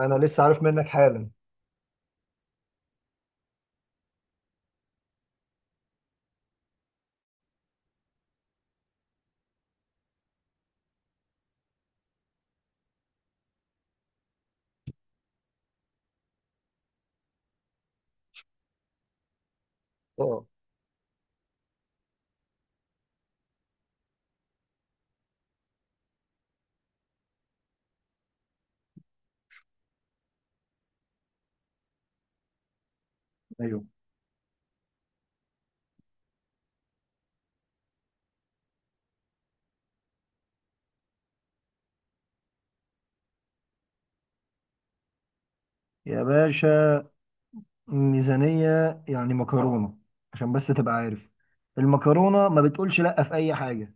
انا لسه عارف منك حالا. اه، ايوه يا باشا. ميزانية، يعني مكرونة عشان بس تبقى عارف. المكرونة ما بتقولش لأ في أي حاجة.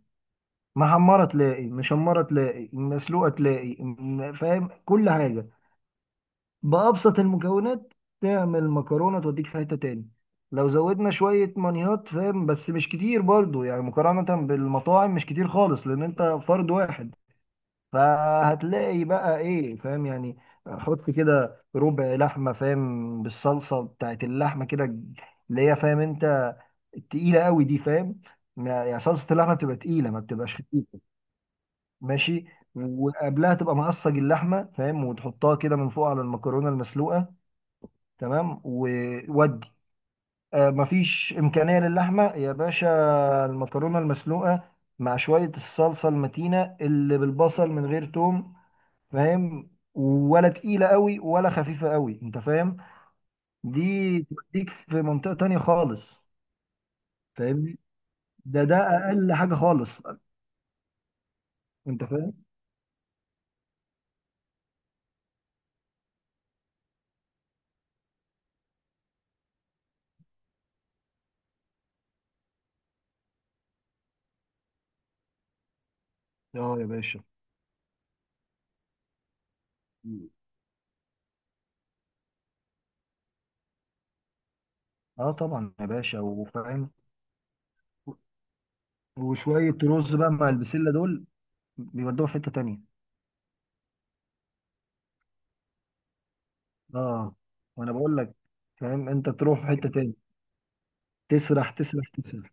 محمرة تلاقي، مشمرة تلاقي، مسلوقة تلاقي، فاهم كل حاجة بأبسط المكونات. تعمل مكرونة توديك في حتة تاني. لو زودنا شوية مانيهات، فاهم، بس مش كتير برضو، يعني مقارنة بالمطاعم مش كتير خالص، لأن أنت فرد واحد. فهتلاقي بقى إيه، فاهم يعني. حط كده ربع لحمة، فاهم، بالصلصة بتاعت اللحمة كده، اللي هي، فاهم أنت، التقيلة قوي دي، فاهم. يعني صلصة اللحمة بتبقى تقيلة، ما بتبقاش خفيفة. ماشي. وقبلها تبقى مقصج اللحمة، فاهم، وتحطها كده من فوق على المكرونة المسلوقة. تمام وودي. آه، مفيش إمكانية للحمة يا باشا. المكرونة المسلوقة مع شوية الصلصة المتينة اللي بالبصل من غير توم، فاهم، ولا تقيلة قوي، ولا خفيفة قوي انت فاهم. دي توديك في منطقة تانية خالص، فاهمني. ده أقل حاجة خالص، انت فاهم. اه يا باشا. اه طبعا يا باشا، وفاهم. وشوية رز بقى مع البسلة دول، بيودوها في حتة تانية. اه، وانا بقول لك، فاهم، انت تروح في حته تاني. تسرح تسرح تسرح،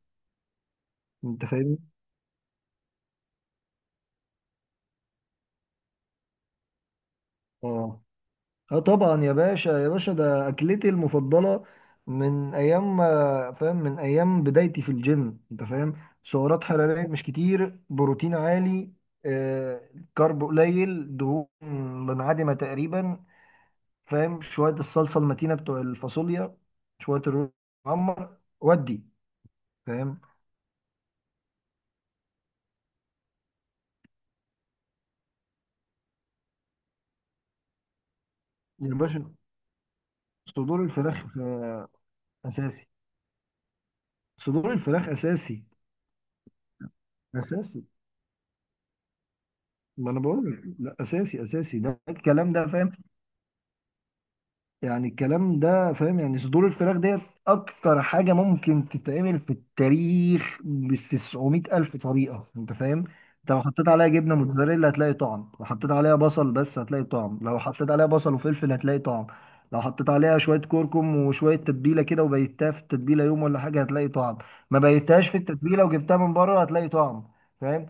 انت فاهمني. اه، اه طبعا يا باشا، يا باشا ده اكلتي المفضله. من ايام فاهم من ايام بدايتي في الجيم، انت فاهم. سعرات حراريه مش كتير، بروتين عالي، آه كارب قليل، دهون منعدمه تقريبا. فاهم، شويه الصلصه المتينه بتوع الفاصوليا، شويه الرز المعمر ودي، فاهم. يا باشا صدور الفراخ اساسي. صدور الفراخ اساسي، اساسي. ما انا بقول لك لا، اساسي اساسي ده الكلام ده، فاهم. يعني الكلام ده، فاهم، يعني صدور الفراخ ديت اكتر حاجه ممكن تتعمل في التاريخ ب 900 الف طريقه، انت فاهم. انت لو حطيت عليها جبنه موتزاريلا هتلاقي طعم، لو حطيت عليها بصل بس هتلاقي طعم، لو حطيت عليها بصل وفلفل هتلاقي طعم. لو حطيت عليها شويه كركم وشويه تتبيله كده، وبيتها في التتبيله يوم ولا حاجه، هتلاقي طعم. ما بيتهاش في التتبيله وجبتها من بره، هتلاقي طعم، فاهم.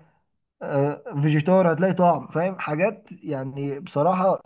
فيجيتار هتلاقي طعم، فاهم، حاجات يعني بصراحة.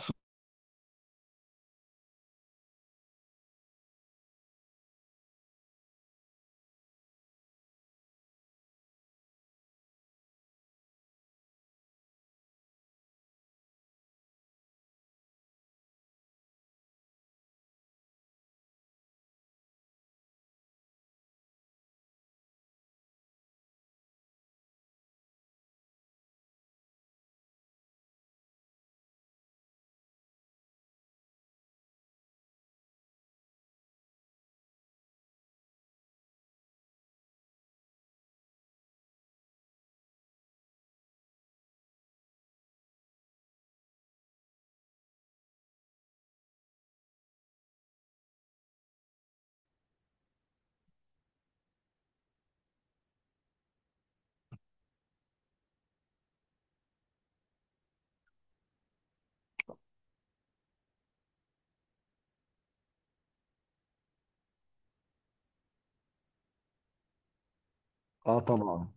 اه طبعا.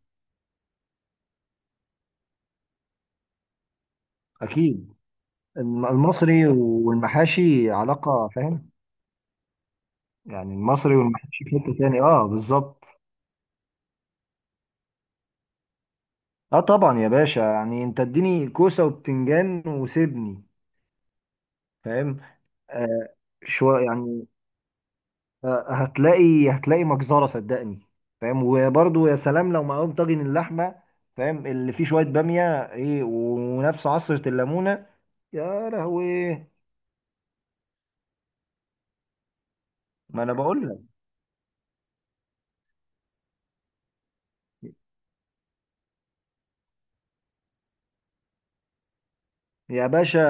اكيد. المصري والمحاشي علاقه، فاهم. يعني المصري والمحاشي في حته تاني، اه بالظبط. اه طبعا يا باشا، يعني انت اديني كوسه وبتنجان وسيبني، فاهم. آه. شويه يعني. آه، هتلاقي مجزره صدقني. فاهم، وبرضه يا سلام لو معاهم طاجن اللحمه، فاهم، اللي فيه شويه باميه، ايه، ونفس عصره الليمونه، يا لهوي. ما انا بقول لك، يا باشا،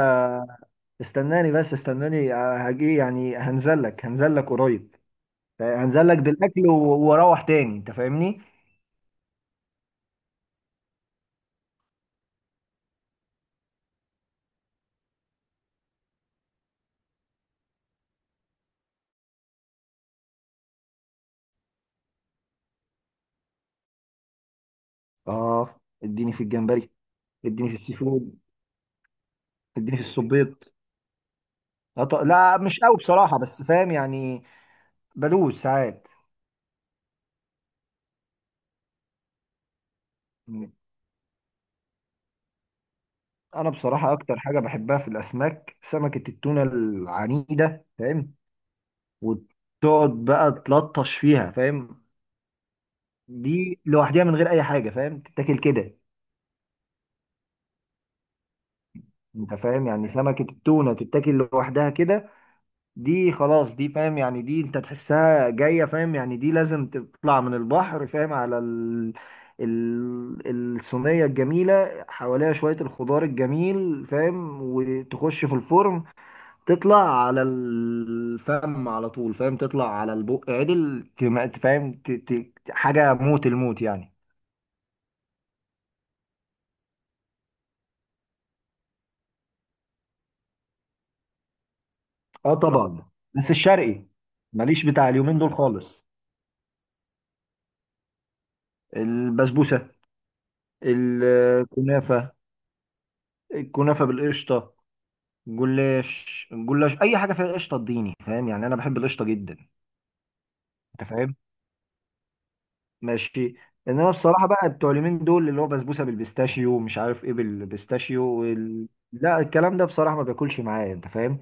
استناني بس، استناني هجي، يعني هنزل لك، هنزل لك قريب. هنزل لك بالاكل واروح تاني، انت فاهمني. اه اديني في الجمبري. اديني في السي فود. اديني في الصبيط. لا مش قوي بصراحة، بس فاهم يعني، بدوس ساعات. انا بصراحة اكتر حاجة بحبها في الاسماك سمكة التونة العنيدة، فاهم. وتقعد بقى تلطش فيها، فاهم. دي لوحدها من غير اي حاجة، فاهم، تتاكل كده. انت فاهم، يعني سمكة التونة تتاكل لوحدها كده. دي خلاص، دي فاهم، يعني دي انت تحسها جاية، فاهم، يعني دي لازم تطلع من البحر، فاهم، على الصينية الجميلة، حواليها شوية الخضار الجميل، فاهم، وتخش في الفرن. تطلع على الفم على طول، فاهم، تطلع على البق عدل، فاهم، حاجة موت الموت يعني. اه، طب طبعا، بس الشرقي ماليش بتاع اليومين دول خالص. البسبوسة، الكنافة، الكنافة بالقشطة، جلاش جلاش أي حاجة فيها قشطة اديني، فاهم، يعني أنا بحب القشطة جدا. أنت فاهم، ماشي. إنما بصراحة بقى بتوع اليومين دول اللي هو بسبوسة بالبيستاشيو ومش عارف إيه بالبيستاشيو لا الكلام ده بصراحة ما بياكلش معايا، أنت فاهم.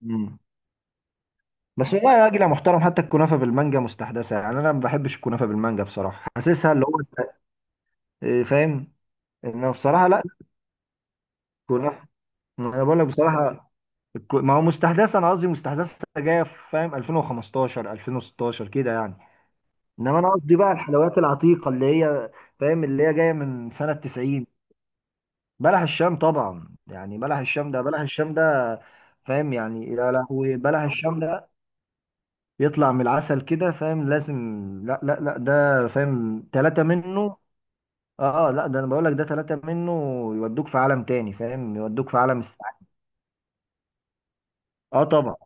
مم. بس والله يا راجل يا محترم، حتى الكنافة بالمانجا مستحدثة، يعني أنا ما بحبش الكنافة بالمانجا بصراحة، حاسسها اللي هو إيه، فاهم، إنما بصراحة لا. الكنافة، أنا بقول لك بصراحة، ما هو مستحدثه، انا قصدي مستحدثه جايه في، فاهم، 2015 2016 كده يعني. انما انا قصدي بقى الحلويات العتيقه اللي هي، فاهم، اللي هي جايه من سنه 90. بلح الشام طبعا، يعني بلح الشام ده، بلح الشام ده، فاهم يعني. لا لا، وبلح الشام ده يطلع من العسل كده، فاهم، لازم. لا لا لا، ده فاهم، ثلاثه منه. اه، لا، ده انا بقول لك ده ثلاثه منه يودوك في عالم تاني، فاهم، يودوك في عالم السعاده. اه طبعا.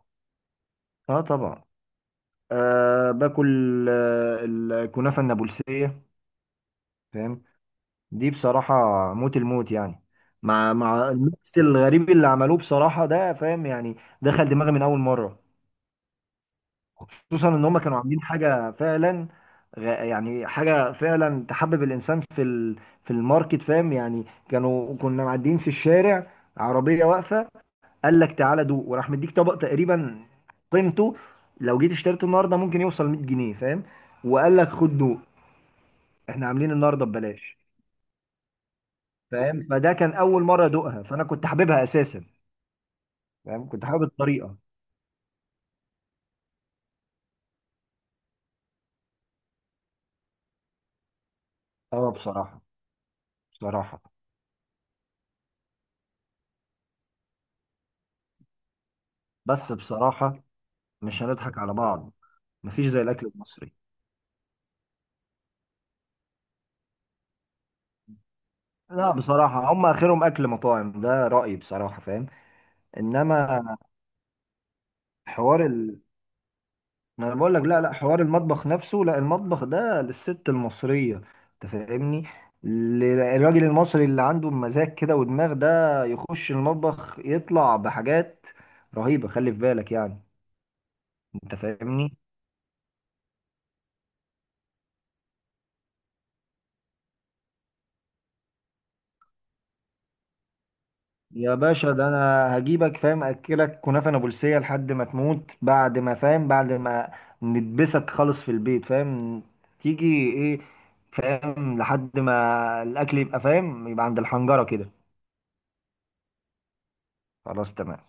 اه طبعا. أه باكل الكنافة النابلسية، فاهم. دي بصراحة موت الموت يعني، مع الميكس الغريب اللي عملوه بصراحة ده، فاهم يعني، دخل دماغي من أول مرة. خصوصا إن هما كانوا عاملين حاجة فعلا، يعني حاجة فعلا تحبب الإنسان في في الماركت، فاهم، يعني كنا معديين في الشارع، عربية واقفة، قال لك تعالى دوق، وراح مديك طبق تقريبا قيمته لو جيت اشتريته النهاردة ممكن يوصل 100 جنيه، فاهم، وقال لك خد دوق، احنا عاملين النهارده ببلاش. فاهم، اوكي، فده كان اول مره ادوقها، فانا كنت حاببها اساسا، فاهم، كنت حابب الطريقه. اه بصراحه. بصراحه، بس بصراحه مش هنضحك على بعض، مفيش زي الاكل المصري. لا بصراحه هم اخرهم اكل مطاعم ده رايي بصراحه، فاهم. انما حوار، ما انا بقول لك، لا لا حوار المطبخ نفسه، لا المطبخ ده للست المصريه، انت فاهمني. الراجل المصري اللي عنده مزاج كده ودماغ، ده يخش المطبخ يطلع بحاجات رهيبه، خلي في بالك يعني. انت فاهمني يا باشا. ده انا هجيبك، فاهم، اكلك كنافه نابلسيه لحد ما تموت، بعد ما فاهم، بعد ما ندبسك خالص في البيت، فاهم، تيجي ايه، فاهم، لحد ما الاكل يبقى، فاهم، يبقى عند الحنجره كده. خلاص تمام.